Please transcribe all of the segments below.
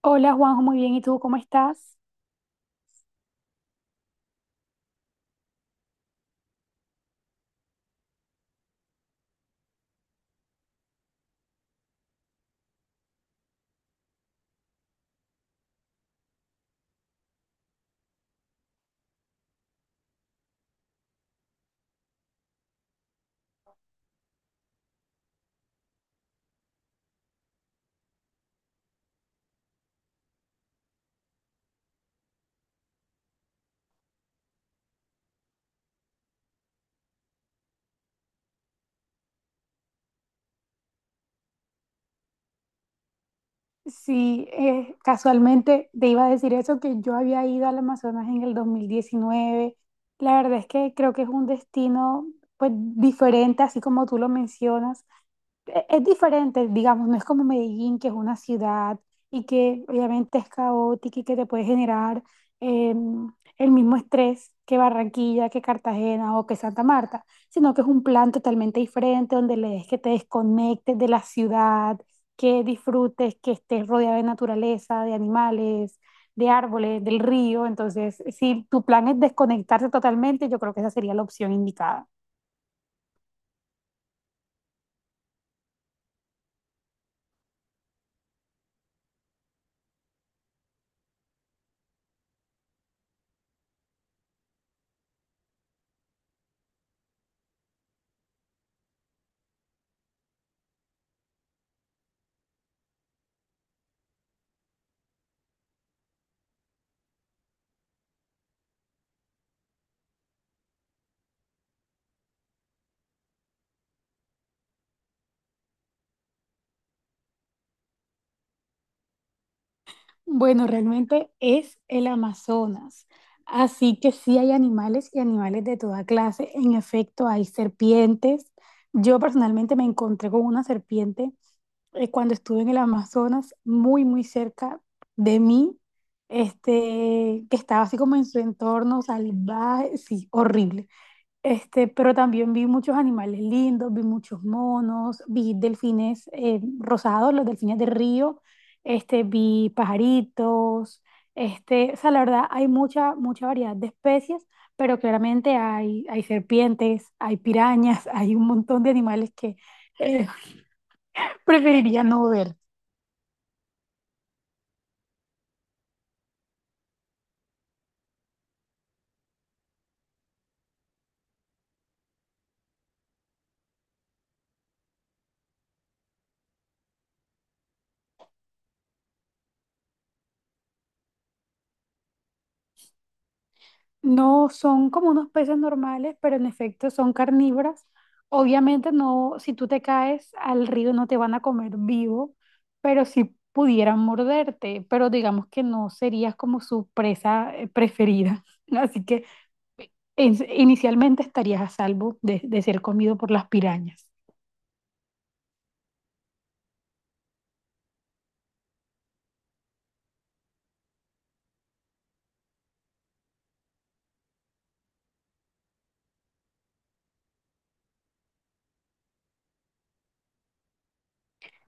Hola Juanjo, muy bien. ¿Y tú cómo estás? Sí, casualmente te iba a decir eso, que yo había ido al Amazonas en el 2019. La verdad es que creo que es un destino pues diferente, así como tú lo mencionas. Es diferente, digamos, no es como Medellín, que es una ciudad y que obviamente es caótica y que te puede generar eh, el mismo estrés que Barranquilla, que Cartagena o que Santa Marta, sino que es un plan totalmente diferente donde le des que te desconectes de la ciudad, que disfrutes, que estés rodeado de naturaleza, de animales, de árboles, del río. Entonces, si tu plan es desconectarse totalmente, yo creo que esa sería la opción indicada. Bueno, realmente es el Amazonas. Así que sí hay animales y animales de toda clase. En efecto, hay serpientes. Yo personalmente me encontré con una serpiente cuando estuve en el Amazonas, muy, muy cerca de mí, que estaba así como en su entorno salvaje, sí, horrible. Pero también vi muchos animales lindos, vi muchos monos, vi delfines rosados, los delfines de río, vi pajaritos, o sea, la verdad hay mucha, mucha variedad de especies, pero claramente hay, hay serpientes, hay pirañas, hay un montón de animales que eh, preferiría no ver. No son como unos peces normales, pero en efecto son carnívoras. Obviamente no, si tú te caes al río no te van a comer vivo, pero sí pudieran morderte, pero digamos que no serías como su presa preferida. Así que eh, inicialmente estarías a salvo de ser comido por las pirañas.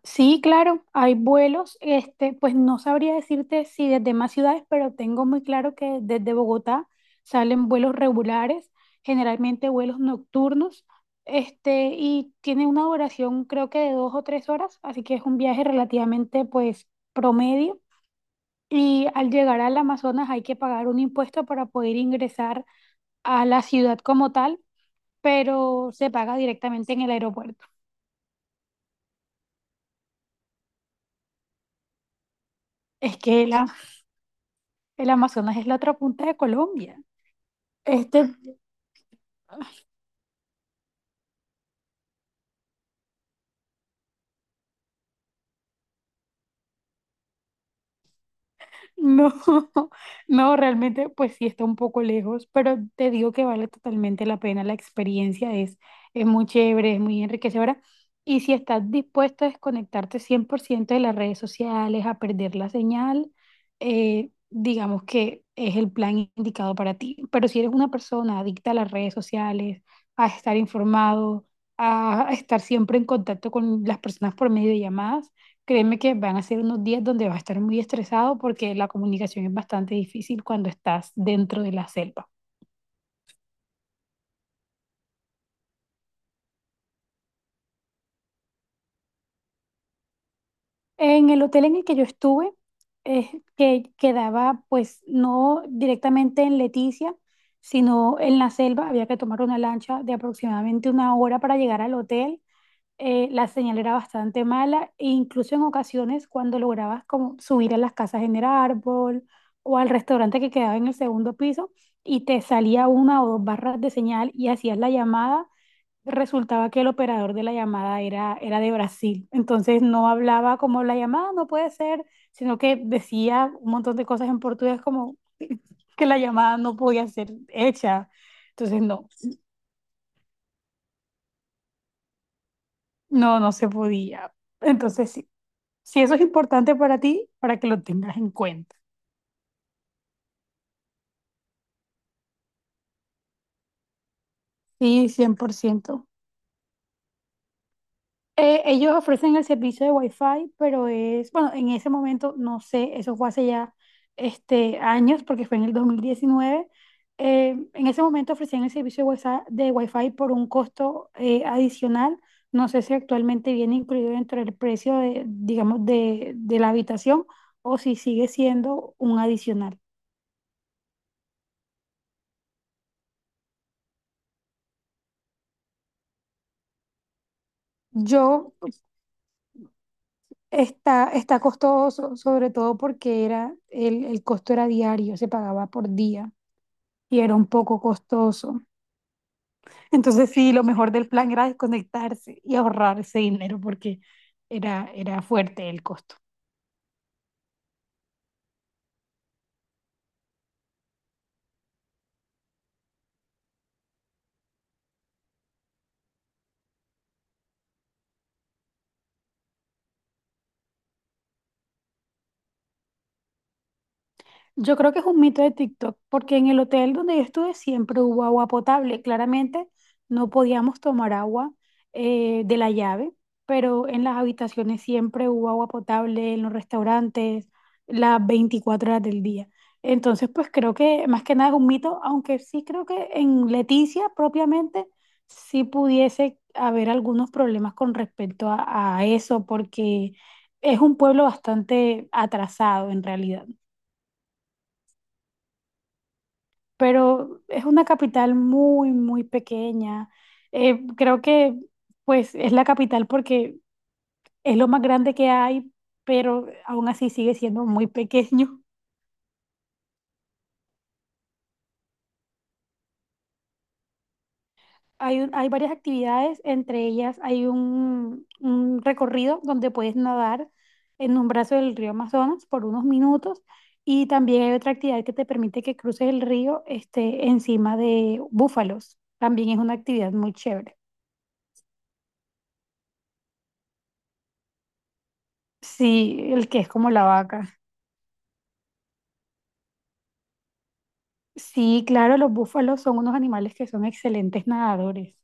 Sí, claro, hay vuelos, pues no sabría decirte si desde más ciudades, pero tengo muy claro que desde Bogotá salen vuelos regulares, generalmente vuelos nocturnos, y tiene una duración creo que de dos o tres horas, así que es un viaje relativamente pues promedio. Y al llegar al Amazonas hay que pagar un impuesto para poder ingresar a la ciudad como tal, pero se paga directamente en el aeropuerto. Es que el, el Amazonas es la otra punta de Colombia. Este, no, no, realmente, pues sí está un poco lejos, pero te digo que vale totalmente la pena. La experiencia es muy chévere, es muy enriquecedora. Y si estás dispuesto a desconectarte 100% de las redes sociales, a perder la señal, digamos que es el plan indicado para ti. Pero si eres una persona adicta a las redes sociales, a estar informado, a estar siempre en contacto con las personas por medio de llamadas, créeme que van a ser unos días donde vas a estar muy estresado porque la comunicación es bastante difícil cuando estás dentro de la selva. En el hotel en el que yo estuve, es que quedaba pues no directamente en Leticia, sino en la selva. Había que tomar una lancha de aproximadamente una hora para llegar al hotel la señal era bastante mala e incluso en ocasiones cuando lograbas como subir a las casas en el árbol o al restaurante que quedaba en el segundo piso y te salía una o dos barras de señal y hacías la llamada, resultaba que el operador de la llamada era de Brasil. Entonces no hablaba como la llamada no puede ser, sino que decía un montón de cosas en portugués como que la llamada no podía ser hecha. Entonces no, no, no se podía. Entonces sí. Si eso es importante para ti, para que lo tengas en cuenta. Sí, 100%. Ellos ofrecen el servicio de Wi-Fi, pero es, bueno, en ese momento, no sé, eso fue hace ya años, porque fue en el 2019. Eh, en ese momento ofrecían el servicio de Wi-Fi, por un costo adicional. No sé si actualmente viene incluido dentro del precio de, digamos, de la habitación o si sigue siendo un adicional. Yo está, está costoso, sobre todo porque era el costo era diario, se pagaba por día y era un poco costoso. Entonces sí, lo mejor del plan era desconectarse y ahorrar ese dinero porque era, era fuerte el costo. Yo creo que es un mito de TikTok, porque en el hotel donde yo estuve siempre hubo agua potable. Claramente no podíamos tomar agua de la llave, pero en las habitaciones siempre hubo agua potable, en los restaurantes, las 24 horas del día. Entonces, pues creo que más que nada es un mito, aunque sí creo que en Leticia propiamente sí pudiese haber algunos problemas con respecto a eso, porque es un pueblo bastante atrasado en realidad. Pero es una capital muy, muy pequeña. Creo que pues es la capital porque es lo más grande que hay, pero aún así sigue siendo muy pequeño. Hay, hay varias actividades, entre ellas hay un recorrido donde puedes nadar en un brazo del río Amazonas por unos minutos y también hay otra actividad que te permite que cruces el río encima de búfalos. También es una actividad muy chévere. Sí, el que es como la vaca. Sí, claro, los búfalos son unos animales que son excelentes nadadores.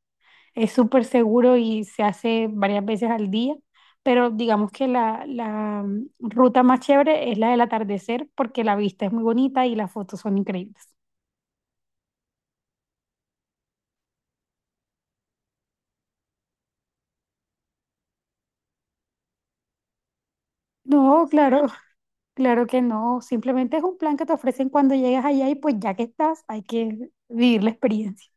Es súper seguro y se hace varias veces al día, pero digamos que la, la ruta más chévere es la del atardecer porque la vista es muy bonita y las fotos son increíbles. No, claro, claro que no. Simplemente es un plan que te ofrecen cuando llegas allá y pues ya que estás, hay que vivir la experiencia.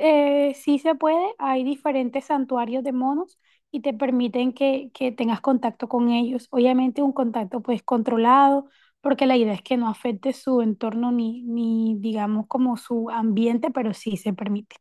Sí se puede, hay diferentes santuarios de monos y te permiten que tengas contacto con ellos. Obviamente un contacto pues controlado, porque la idea es que no afecte su entorno ni, ni digamos como su ambiente, pero sí se permite.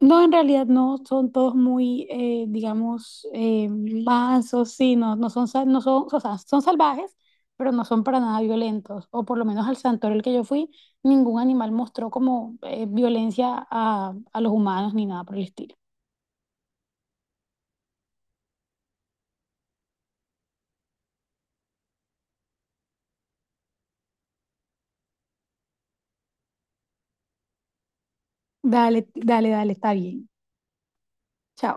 No, en realidad no son todos muy, digamos, mansos, sí, no, no son, no son, o sea, son salvajes, pero no son para nada violentos. O por lo menos al santuario al que yo fui, ningún animal mostró como violencia a los humanos ni nada por el estilo. Dale, dale, dale, está bien. Chao.